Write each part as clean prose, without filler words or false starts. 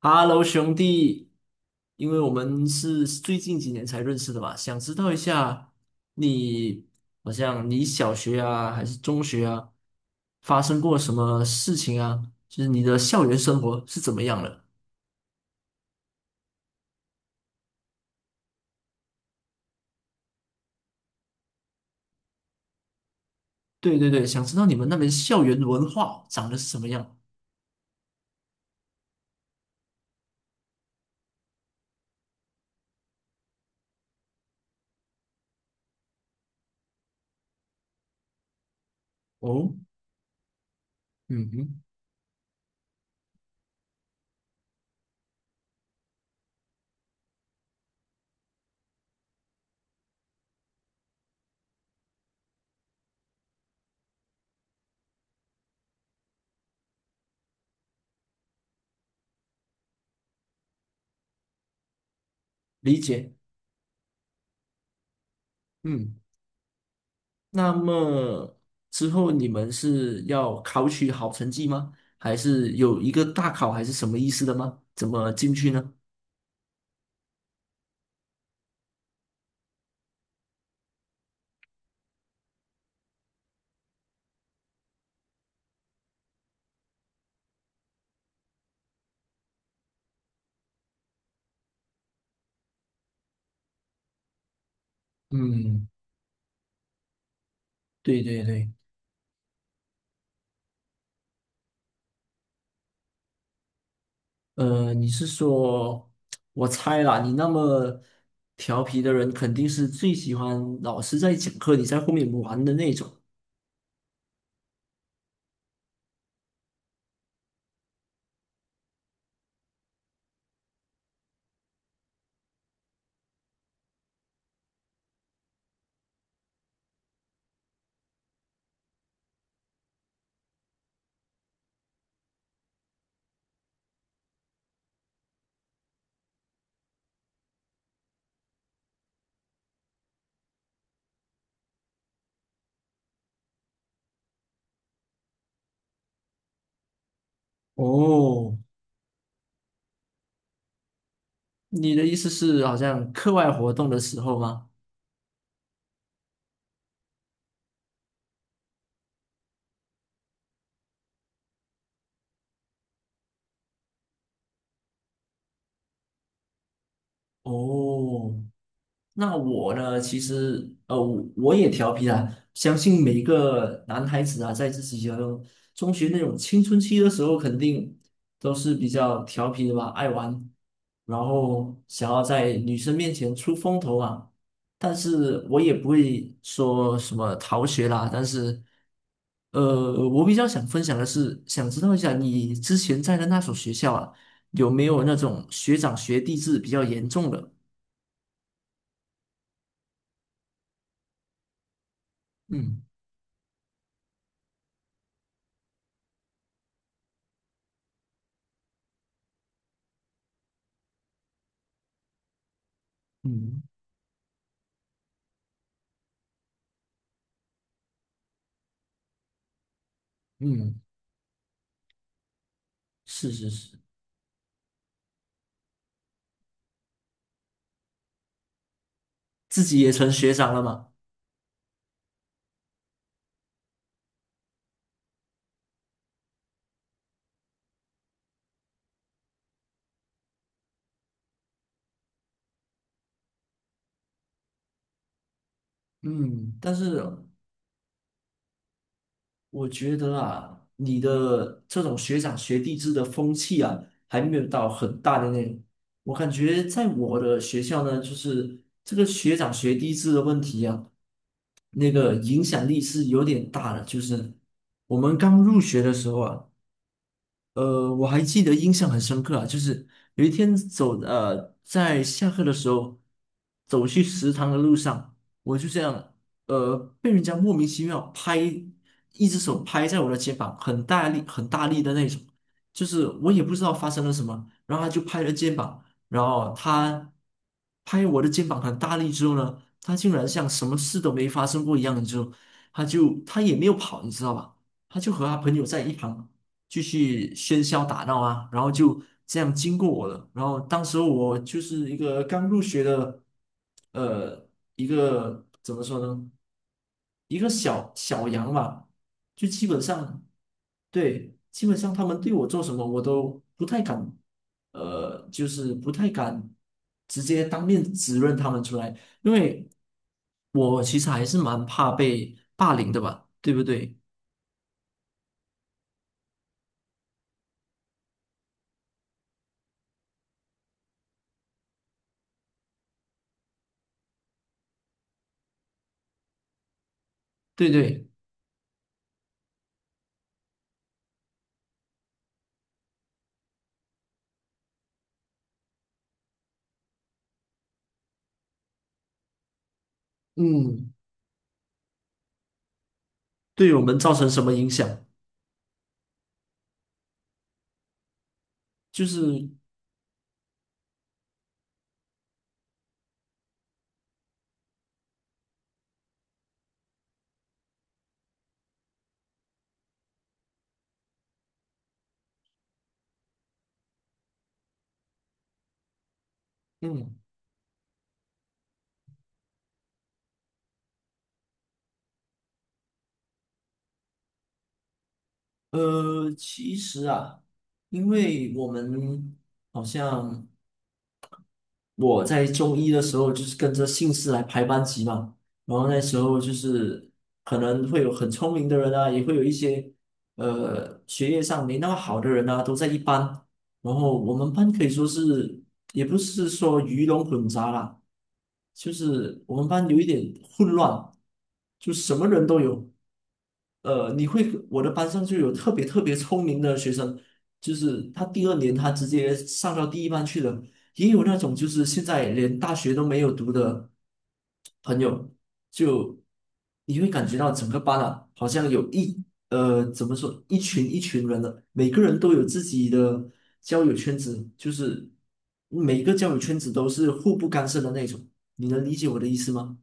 Hello，兄弟，因为我们是最近几年才认识的嘛，想知道一下你，好像你小学啊，还是中学啊，发生过什么事情啊？就是你的校园生活是怎么样的？对对对，想知道你们那边校园文化长得是什么样？哦，嗯哼，理解，嗯，那么之后你们是要考取好成绩吗？还是有一个大考，还是什么意思的吗？怎么进去呢？嗯，对对对，你是说，我猜啦，你那么调皮的人，肯定是最喜欢老师在讲课，你在后面玩的那种。哦，你的意思是好像课外活动的时候吗？哦，那我呢，其实我也调皮啦。相信每一个男孩子啊，在自己的中学那种青春期的时候，肯定都是比较调皮的吧，爱玩，然后想要在女生面前出风头啊。但是我也不会说什么逃学啦，但是我比较想分享的是，想知道一下你之前在的那所学校啊，有没有那种学长学弟制比较严重的？嗯嗯嗯，是是是，自己也成学长了嘛。嗯，但是我觉得啊，你的这种学长学弟制的风气啊，还没有到很大的那种。我感觉在我的学校呢，就是这个学长学弟制的问题啊，那个影响力是有点大的。就是我们刚入学的时候啊，我还记得印象很深刻啊，就是有一天在下课的时候走去食堂的路上，我就这样被人家莫名其妙拍，一只手拍在我的肩膀，很大力很大力的那种，就是我也不知道发生了什么，然后他就拍了肩膀，然后他拍我的肩膀很大力之后呢，他竟然像什么事都没发生过一样，之后他也没有跑，你知道吧？他就和他朋友在一旁。继续喧嚣打闹啊，然后就这样经过我了。然后当时候我就是一个刚入学的，呃，一个怎么说呢，一个小小羊吧，就基本上，对，基本上他们对我做什么，我都不太敢，就是不太敢直接当面指认他们出来，因为我其实还是蛮怕被霸凌的吧，对不对？对对，嗯。对我们造成什么影响？就是嗯，其实啊，因为我们好像我在中医的时候就是跟着姓氏来排班级嘛，然后那时候就是可能会有很聪明的人啊，也会有一些学业上没那么好的人啊，都在一班。然后我们班可以说是也不是说鱼龙混杂啦，就是我们班有一点混乱，就什么人都有。呃，你会，我的班上就有特别特别聪明的学生，就是他第二年他直接上到第一班去了，也有那种就是现在连大学都没有读的朋友，就你会感觉到整个班啊，好像怎么说一群一群人的，每个人都有自己的交友圈子，就是每个交友圈子都是互不干涉的那种，你能理解我的意思吗？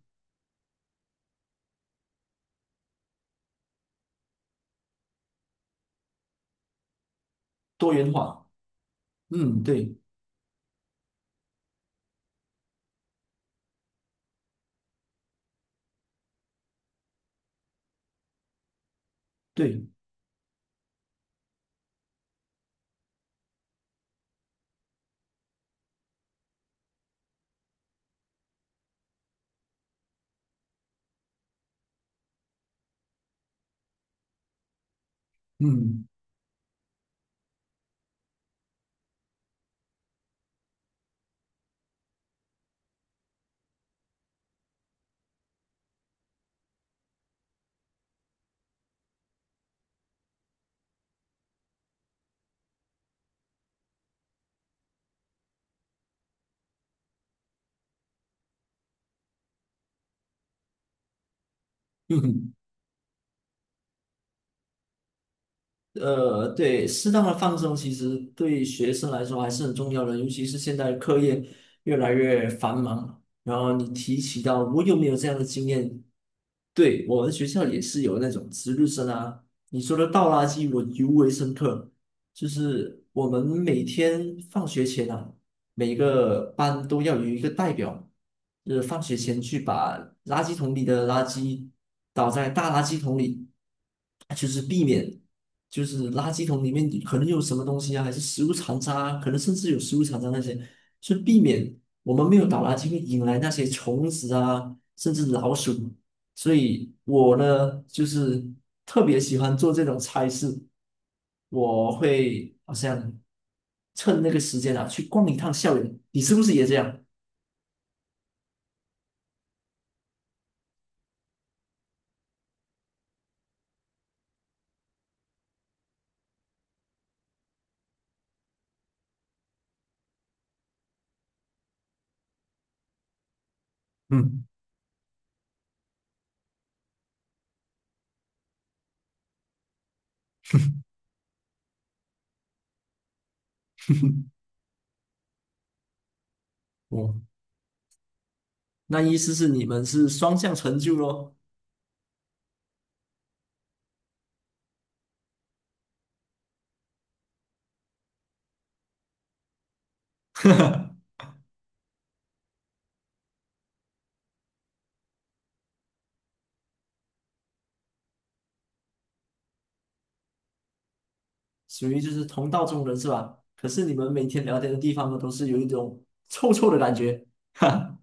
多元化，嗯，对对，嗯。嗯，对，适当的放松其实对学生来说还是很重要的，尤其是现在课业越来越繁忙。然后你提起到我有没有这样的经验？对，我们学校也是有那种值日生啊，你说的倒垃圾我尤为深刻，就是我们每天放学前啊，每个班都要有一个代表，就是放学前去把垃圾桶里的垃圾倒在大垃圾桶里，就是避免。就是垃圾桶里面可能有什么东西啊，还是食物残渣啊，可能甚至有食物残渣那些，是避免我们没有倒垃圾会引来那些虫子啊，甚至老鼠。所以我呢，就是特别喜欢做这种差事，我会好像趁那个时间啊，去逛一趟校园。你是不是也这样？嗯，哦，那意思是你们是双向成就咯。属于就是同道中人是吧？可是你们每天聊天的地方呢，都是有一种臭臭的感觉，哈